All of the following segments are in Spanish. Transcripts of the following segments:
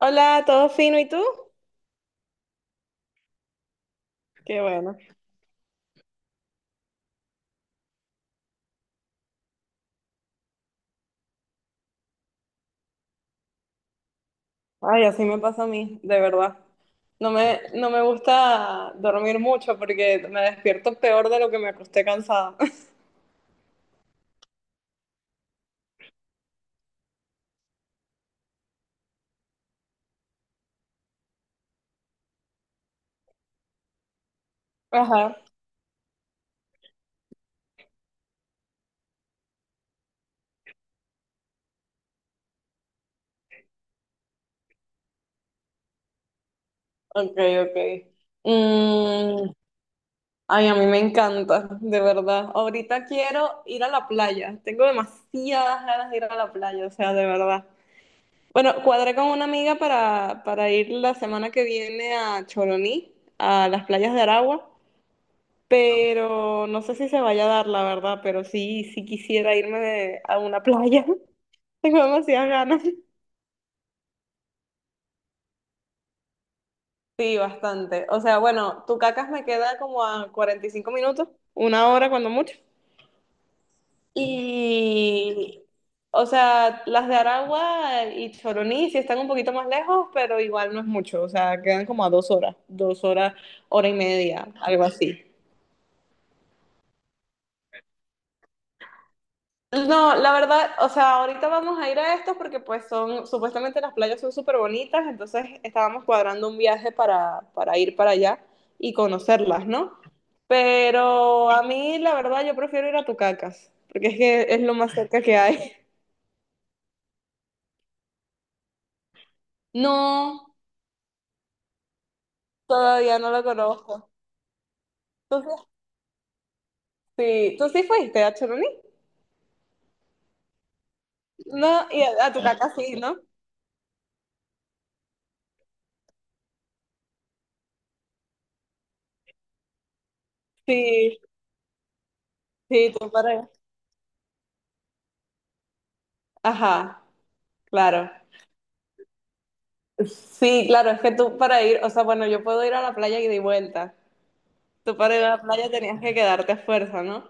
Hola, ¿todo fino? ¿Y tú? Qué bueno. Ay, así me pasa a mí, de verdad. No me gusta dormir mucho porque me despierto peor de lo que me acosté cansada. Ajá, ok, ok. Mm, ay, a mí me encanta, de verdad. Ahorita quiero ir a la playa. Tengo demasiadas ganas de ir a la playa, o sea, de verdad. Bueno, cuadré con una amiga para ir la semana que viene a Choroní, a las playas de Aragua. Pero no sé si se vaya a dar, la verdad, pero sí, sí quisiera a una playa. Tengo demasiadas ganas. Sí, bastante. O sea, bueno, Tucacas me queda como a 45 minutos, una hora cuando mucho. Y, o sea, las de Aragua y Choroní sí están un poquito más lejos, pero igual no es mucho. O sea, quedan como a dos horas, hora y media, algo así. No, la verdad, o sea, ahorita vamos a ir a estos porque pues son, supuestamente las playas son súper bonitas, entonces estábamos cuadrando un viaje para ir para allá y conocerlas, ¿no? Pero a mí, la verdad, yo prefiero ir a Tucacas, porque es que es lo más cerca que hay. No, todavía no lo conozco. ¿Tú sí, sí, tú sí fuiste a Choroní? No, a Tucacas sí, ¿no? Sí, sí, tú para allá. Ajá, claro. Sí, claro, es que tú para ir, o sea, bueno, yo puedo ir a la playa y de vuelta. Tú para ir a la playa tenías que quedarte a fuerza, ¿no?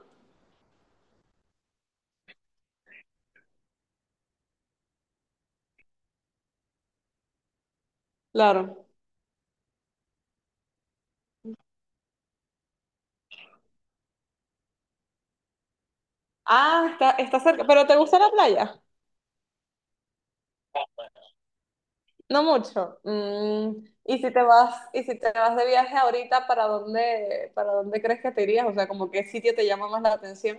Claro. Ah, está cerca. ¿Pero te gusta la playa? No mucho. Mm, ¿y si te vas de viaje ahorita, para dónde, para dónde crees que te irías? O sea, como qué sitio te llama más la atención.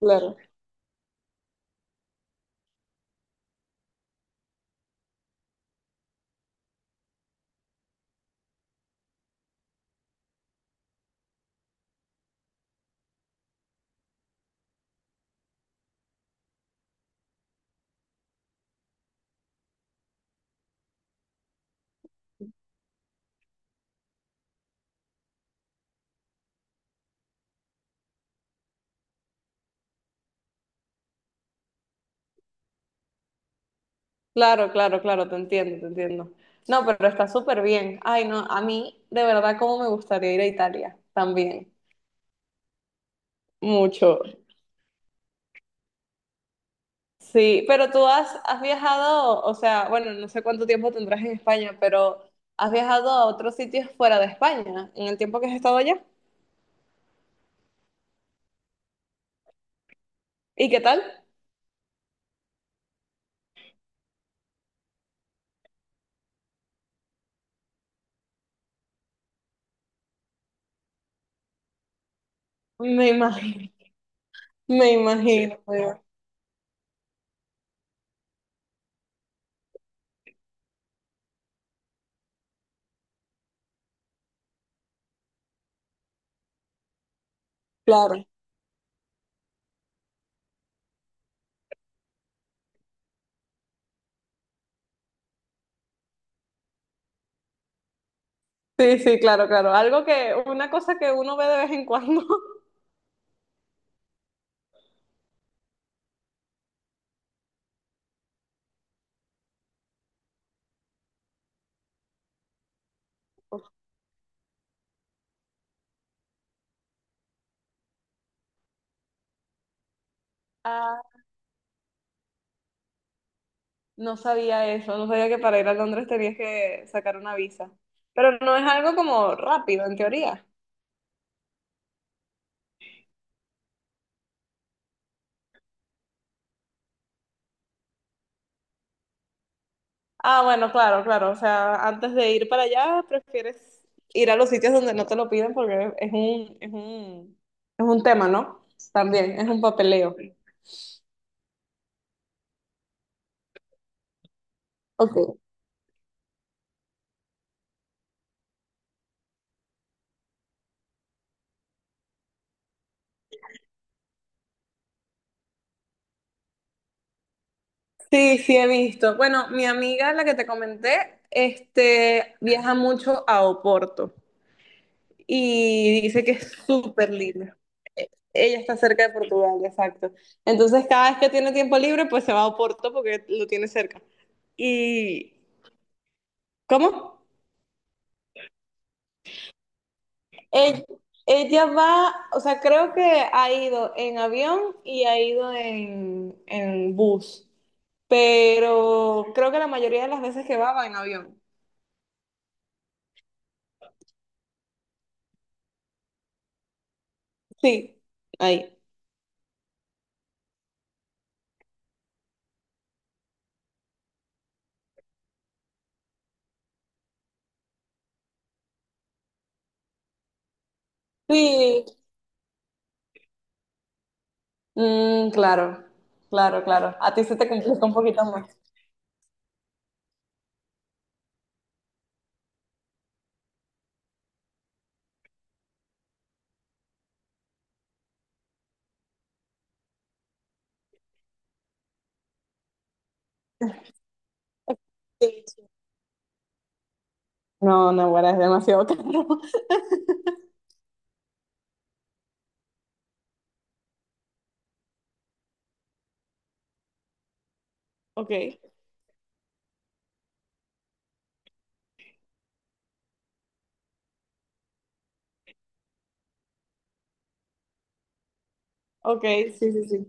Claro. Claro, claro, claro, te entiendo, te entiendo. No, pero está súper bien. Ay, no, a mí de verdad como me gustaría ir a Italia también. Mucho. Sí, has viajado, o sea, bueno, no sé cuánto tiempo tendrás en España, pero has viajado a otros sitios fuera de España en el tiempo que has estado allá. ¿Y qué tal? Me imagino, me imagino, claro. Sí. Sí, claro, claro. Algo que, una cosa que uno ve de vez en cuando. Ah, no sabía eso, no sabía que para ir a Londres tenías que sacar una visa. Pero no es algo como rápido, en teoría. Ah, bueno, claro, claro. O sea, antes de ir para allá, prefieres ir a los sitios donde no te lo piden porque es un tema, ¿no? También, es un papeleo. Ok. Sí, sí, he visto. Bueno, mi amiga, la que te comenté, este, viaja mucho a Oporto y dice que es súper lindo. Ella está cerca de Portugal, exacto. Entonces, cada vez que tiene tiempo libre, pues se va a Oporto porque lo tiene cerca. ¿Y cómo? Ell- Ella o sea, creo que ha ido en avión y ha ido en bus, pero creo que la mayoría de las veces que va va en avión. Sí, ahí. Sí, mm, claro, claro. A ti se te complica un poquito más. Sí. No, no, bueno, es demasiado caro. Ok, ok, sí, sí, sí.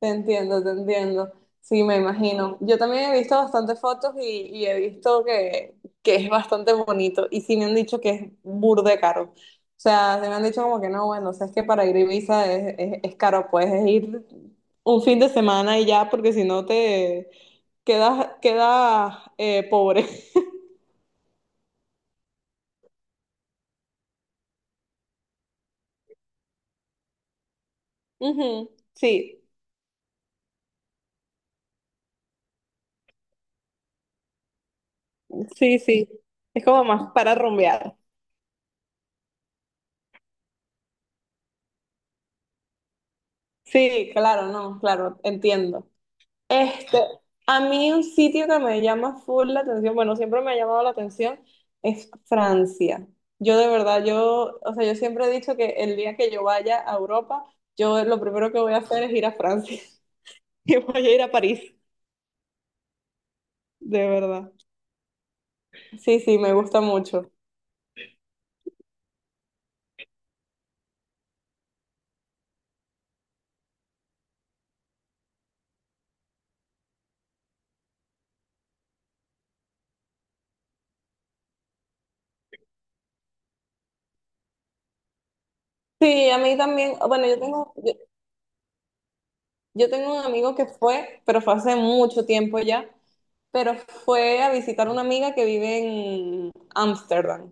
Te entiendo, te entiendo. Sí, me imagino. Yo también he visto bastantes fotos y he visto que es bastante bonito. Y sí me han dicho que es burde caro. O sea, se me han dicho como que no, bueno, o sea, es que para ir a Ibiza es caro. Puedes ir un fin de semana y ya, porque si no te quedas pobre. Ujú, sí, sí, sí. Es como más para rumbear. Sí, claro, no, claro, entiendo. Este, a mí un sitio que me llama full la atención, bueno, siempre me ha llamado la atención, es Francia. Yo de verdad, yo, o sea, yo siempre he dicho que el día que yo vaya a Europa, yo lo primero que voy a hacer es ir a Francia y voy a ir a París, de verdad. Sí, sí, me gusta mucho. Sí, a mí también, bueno, yo tengo un amigo que fue, pero fue hace mucho tiempo ya, pero fue a visitar a una amiga que vive en Ámsterdam.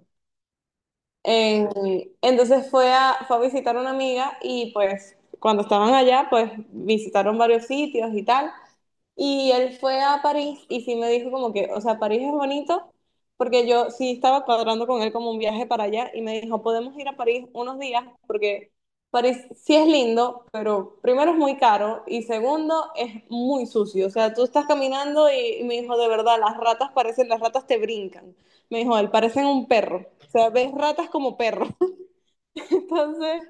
En- fue a visitar a una amiga y pues cuando estaban allá, pues visitaron varios sitios y tal. Y él fue a París y sí me dijo como que, o sea, París es bonito porque yo sí estaba cuadrando con él como un viaje para allá y me dijo, podemos ir a París unos días porque París sí es lindo, pero primero es muy caro y segundo es muy sucio. O sea, tú estás caminando y me dijo, de verdad, las ratas parecen, las ratas te brincan. Me dijo, él parecen un perro. O sea, ves ratas como perros. Entonces,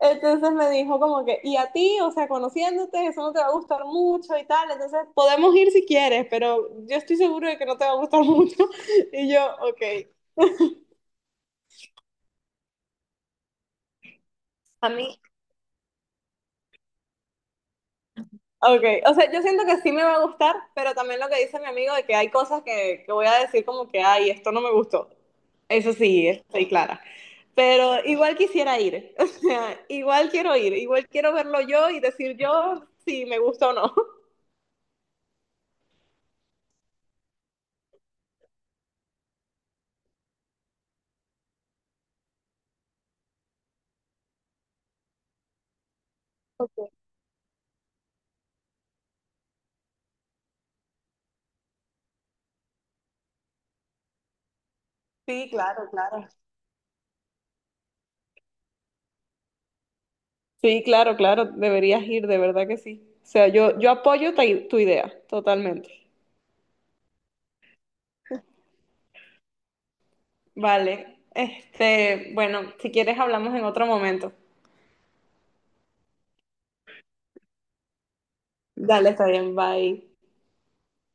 entonces me dijo como que, y a ti, o sea, conociéndote, eso no te va a gustar mucho y tal. Entonces, podemos ir si quieres, pero yo estoy seguro de que no te va a gustar mucho. Y yo, ok. A mí, ok, o sea, yo siento que sí me va a gustar, pero también lo que dice mi amigo de que hay cosas que voy a decir como que, ay, esto no me gustó. Eso sí, estoy clara. Pero igual quisiera ir, o sea, igual quiero ir, igual quiero verlo yo y decir yo si me gusta o no. Sí, claro, claro. Sí, claro, claro, deberías ir, de verdad que sí. O sea, yo apoyo tu idea, totalmente. Vale, este, bueno, si quieres hablamos en otro momento. Dale, está bien, bye.